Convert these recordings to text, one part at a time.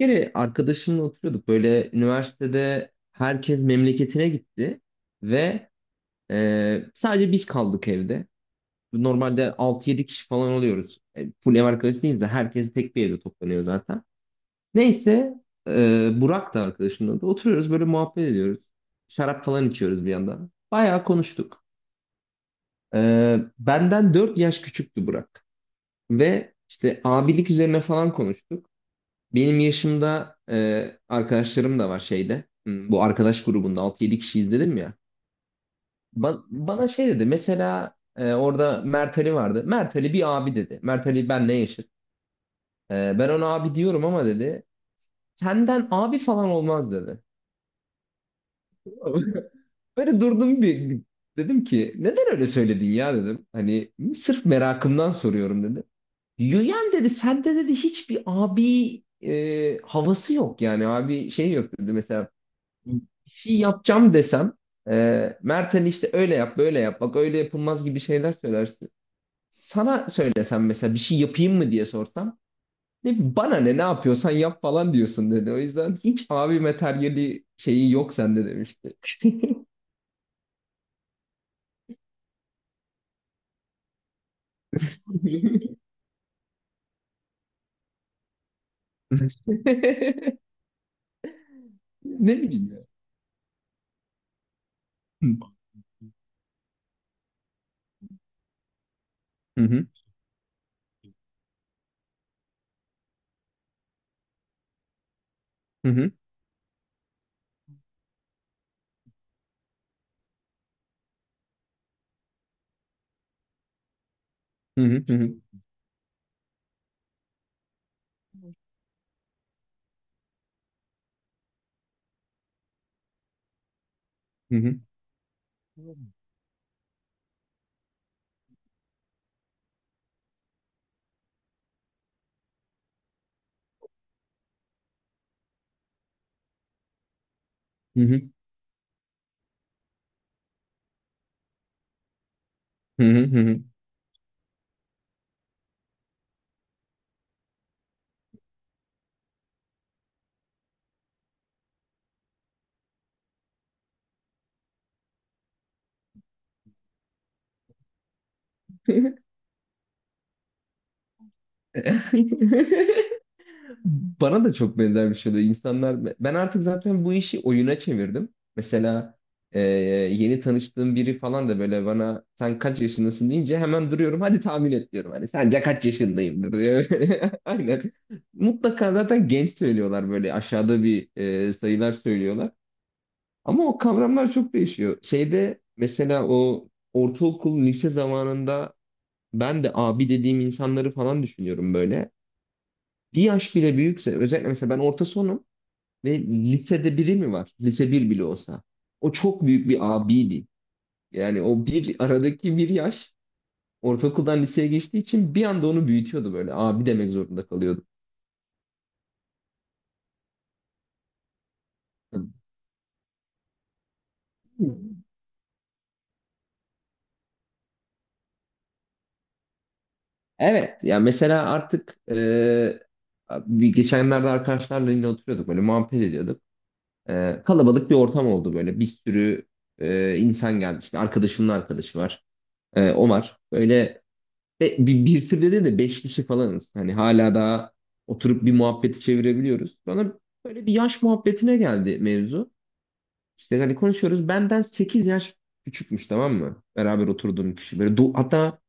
Bir kere arkadaşımla oturuyorduk. Böyle üniversitede herkes memleketine gitti ve sadece biz kaldık evde. Normalde 6 7 kişi falan oluyoruz. Full ev arkadaşı değiliz de herkes tek bir evde toplanıyor zaten. Neyse, Burak da arkadaşımla da oturuyoruz, böyle muhabbet ediyoruz. Şarap falan içiyoruz bir yandan. Bayağı konuştuk. Benden 4 yaş küçüktü Burak. Ve işte abilik üzerine falan konuştuk. Benim yaşımda arkadaşlarım da var şeyde. Bu arkadaş grubunda 6 7 kişiyiz dedim ya. Bana şey dedi. Mesela orada Mert Ali vardı. Mert Ali bir abi dedi. Mert Ali benle yaşıt. Ben ona abi diyorum ama dedi. Senden abi falan olmaz dedi. Böyle durdum bir, dedim ki neden öyle söyledin ya dedim. Hani sırf merakımdan soruyorum dedi. Yüyen dedi sende dedi hiçbir abi havası yok, yani abi şey yok dedi. Mesela bir şey yapacağım desem e, Mert hani işte öyle yap böyle yap bak öyle yapılmaz gibi şeyler söylersin. Sana söylesem mesela bir şey yapayım mı diye sorsam, ne bana ne yapıyorsan yap falan diyorsun dedi. O yüzden hiç abi materyali şeyi yok sende demişti. Ne bileyim ya. Hı hı hı hı hı hı hı hı hı hı hı hı hı hı. Bana da çok benzer bir şey oluyor. İnsanlar, ben artık zaten bu işi oyuna çevirdim. Mesela e, yeni tanıştığım biri falan da böyle bana sen kaç yaşındasın deyince hemen duruyorum. Hadi tahmin et diyorum. Hani sence kaç yaşındayım diyor. Aynen. Mutlaka zaten genç söylüyorlar, böyle aşağıda bir sayılar söylüyorlar. Ama o kavramlar çok değişiyor. Şeyde mesela o ortaokul, lise zamanında ben de abi dediğim insanları falan düşünüyorum böyle. Bir yaş bile büyükse, özellikle mesela ben orta sonum. Ve lisede biri mi var? Lise bir bile olsa, o çok büyük bir abiydi. Yani o bir aradaki bir yaş, ortaokuldan liseye geçtiği için bir anda onu büyütüyordu böyle. Abi demek zorunda kalıyordu. Evet. Ya mesela artık bir geçenlerde arkadaşlarla yine oturuyorduk, böyle muhabbet ediyorduk. Kalabalık bir ortam oldu böyle. Bir sürü insan geldi. İşte arkadaşımın arkadaşı var. O var. Böyle. Ve bir sürede de beş kişi falanız. Hani hala daha oturup bir muhabbeti çevirebiliyoruz. Bana böyle bir yaş muhabbetine geldi mevzu. İşte hani konuşuyoruz. Benden 8 yaş küçükmüş, tamam mı? Beraber oturduğum kişi. Böyle hatta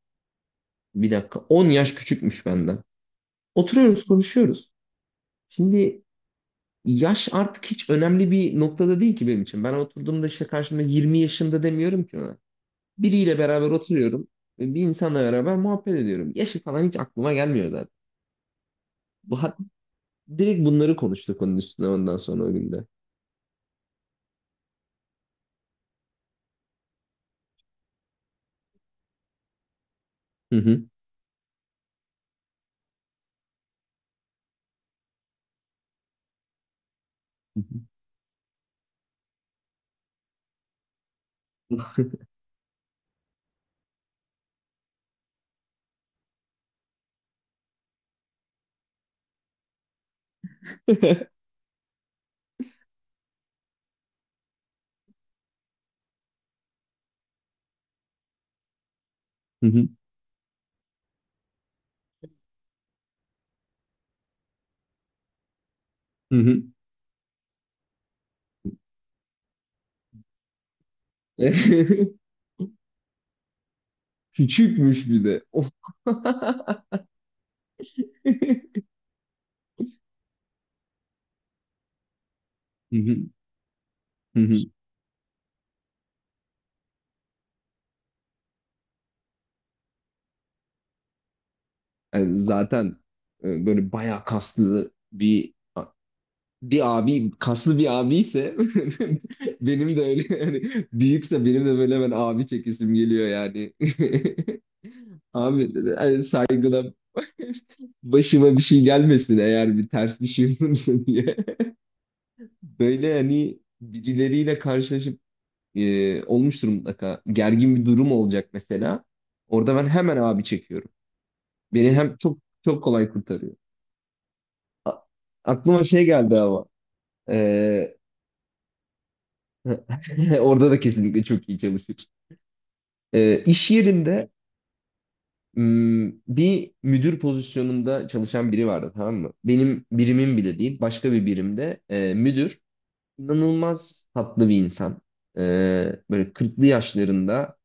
bir dakika, 10 yaş küçükmüş benden. Oturuyoruz konuşuyoruz. Şimdi yaş artık hiç önemli bir noktada değil ki benim için. Ben oturduğumda işte karşımda 20 yaşında demiyorum ki ona. Biriyle beraber oturuyorum. Bir insanla beraber muhabbet ediyorum. Yaşı falan hiç aklıma gelmiyor zaten. Bu direkt bunları konuştuk onun üstüne ondan sonra o günde. Hı hı. Hı hı. Hı hı. Hı hı. Küçükmüş bir de. Of. Hı hı. Hı hı. Yani zaten böyle bayağı kaslı bir bir abi, kaslı bir abi ise benim de öyle yani, büyükse benim de böyle ben abi çekisim geliyor yani. Abi dedi, hani saygıdan başıma bir şey gelmesin eğer bir ters bir şey olursa diye. Böyle hani birileriyle karşılaşıp olmuştur mutlaka. Gergin bir durum olacak mesela. Orada ben hemen abi çekiyorum. Beni hem çok kolay kurtarıyor. A- Aklıma şey geldi ama. e, Orada da kesinlikle çok iyi çalışır. İş yerinde bir müdür pozisyonunda çalışan biri vardı, tamam mı? Benim birimim bile değil. Başka bir birimde müdür. İnanılmaz tatlı bir insan. E, Böyle kırklı yaşlarında.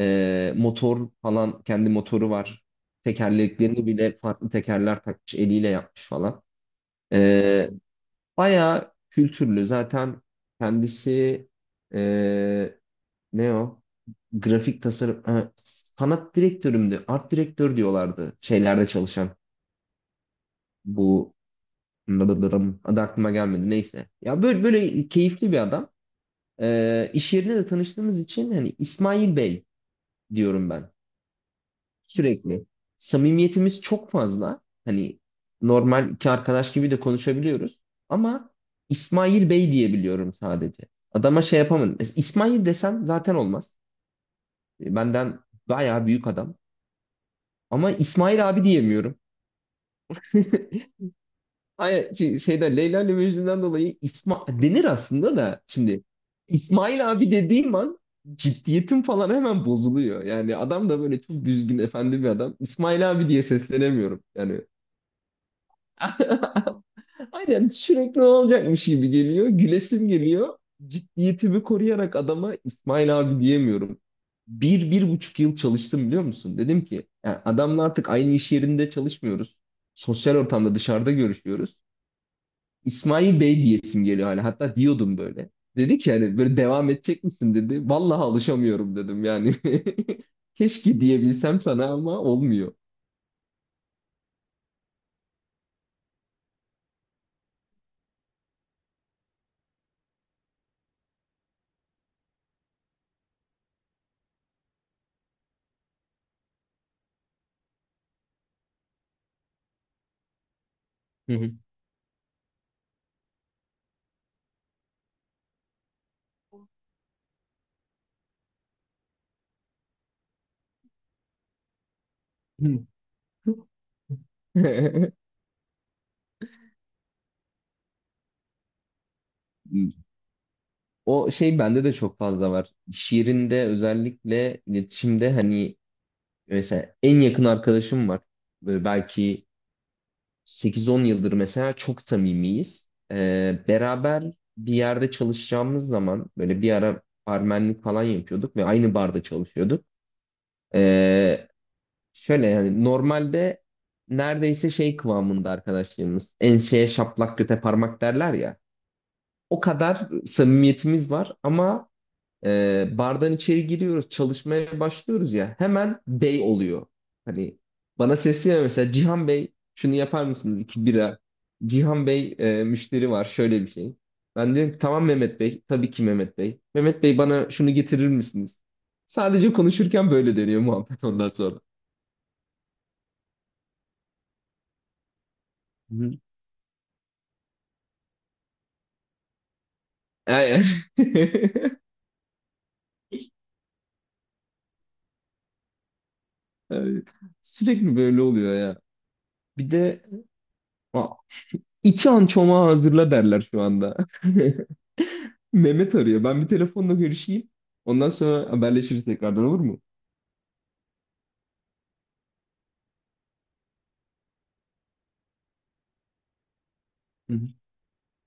Motor falan, kendi motoru var. Tekerleklerini bile farklı tekerler takmış, eliyle yapmış falan. Ee, Bayağı kültürlü. Zaten kendisi ee, ne o? Grafik tasarım, ha, sanat direktörü müydü? Art direktör diyorlardı şeylerde çalışan bu. Blablablam. Adı aklıma gelmedi. Neyse. Ya böyle böyle keyifli bir adam. İş yerinde de tanıştığımız için hani İsmail Bey diyorum ben sürekli. Samimiyetimiz çok fazla. Hani normal iki arkadaş gibi de konuşabiliyoruz. Ama İsmail Bey diyebiliyorum sadece. Adama şey yapamadım. İsmail desem zaten olmaz. Benden bayağı büyük adam. Ama İsmail abi diyemiyorum. Ay, şeyden, Leyla ile Mecnun'dan dolayı İsma denir aslında da, şimdi İsmail abi dediğim an ciddiyetim falan hemen bozuluyor. Yani adam da böyle çok düzgün efendi bir adam. İsmail abi diye seslenemiyorum. Yani aynen sürekli olacakmış gibi geliyor. Gülesim geliyor. Ciddiyetimi koruyarak adama İsmail abi diyemiyorum. Bir, 1,5 yıl çalıştım biliyor musun? Dedim ki "Ya adamla artık aynı iş yerinde çalışmıyoruz. Sosyal ortamda dışarıda görüşüyoruz. İsmail Bey diyesim geliyor hala." Hatta diyordum böyle. Dedi ki hani böyle devam edecek misin dedi. Vallahi alışamıyorum dedim yani. Keşke diyebilsem sana ama olmuyor. Hı hı. O şey bende de çok fazla var. Şiirinde özellikle iletişimde, hani mesela en yakın arkadaşım var. Böyle belki 8-10 yıldır mesela çok samimiyiz. Beraber bir yerde çalışacağımız zaman, böyle bir ara barmenlik falan yapıyorduk ve aynı barda çalışıyorduk. Ee, Şöyle yani normalde neredeyse şey kıvamında arkadaşlarımız. Enseye şaplak göte parmak derler ya. O kadar samimiyetimiz var ama bardan içeri giriyoruz, çalışmaya başlıyoruz ya. Hemen bey oluyor. Hani bana sesleniyor mesela, Cihan Bey şunu yapar mısınız? İki bira. Cihan Bey, müşteri var, şöyle bir şey. Ben diyorum ki tamam Mehmet Bey. Tabii ki Mehmet Bey. Mehmet Bey bana şunu getirir misiniz? Sadece konuşurken böyle dönüyor muhabbet ondan sonra. Hı. Yani sürekli böyle oluyor ya. Bir de İki an çomağı hazırla derler şu anda. Mehmet arıyor. Ben bir telefonla görüşeyim. Ondan sonra haberleşiriz tekrardan, olur mu? Hı hı.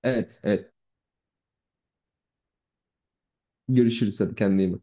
Evet, evet. Görüşürüz, hadi kendine iyi bak.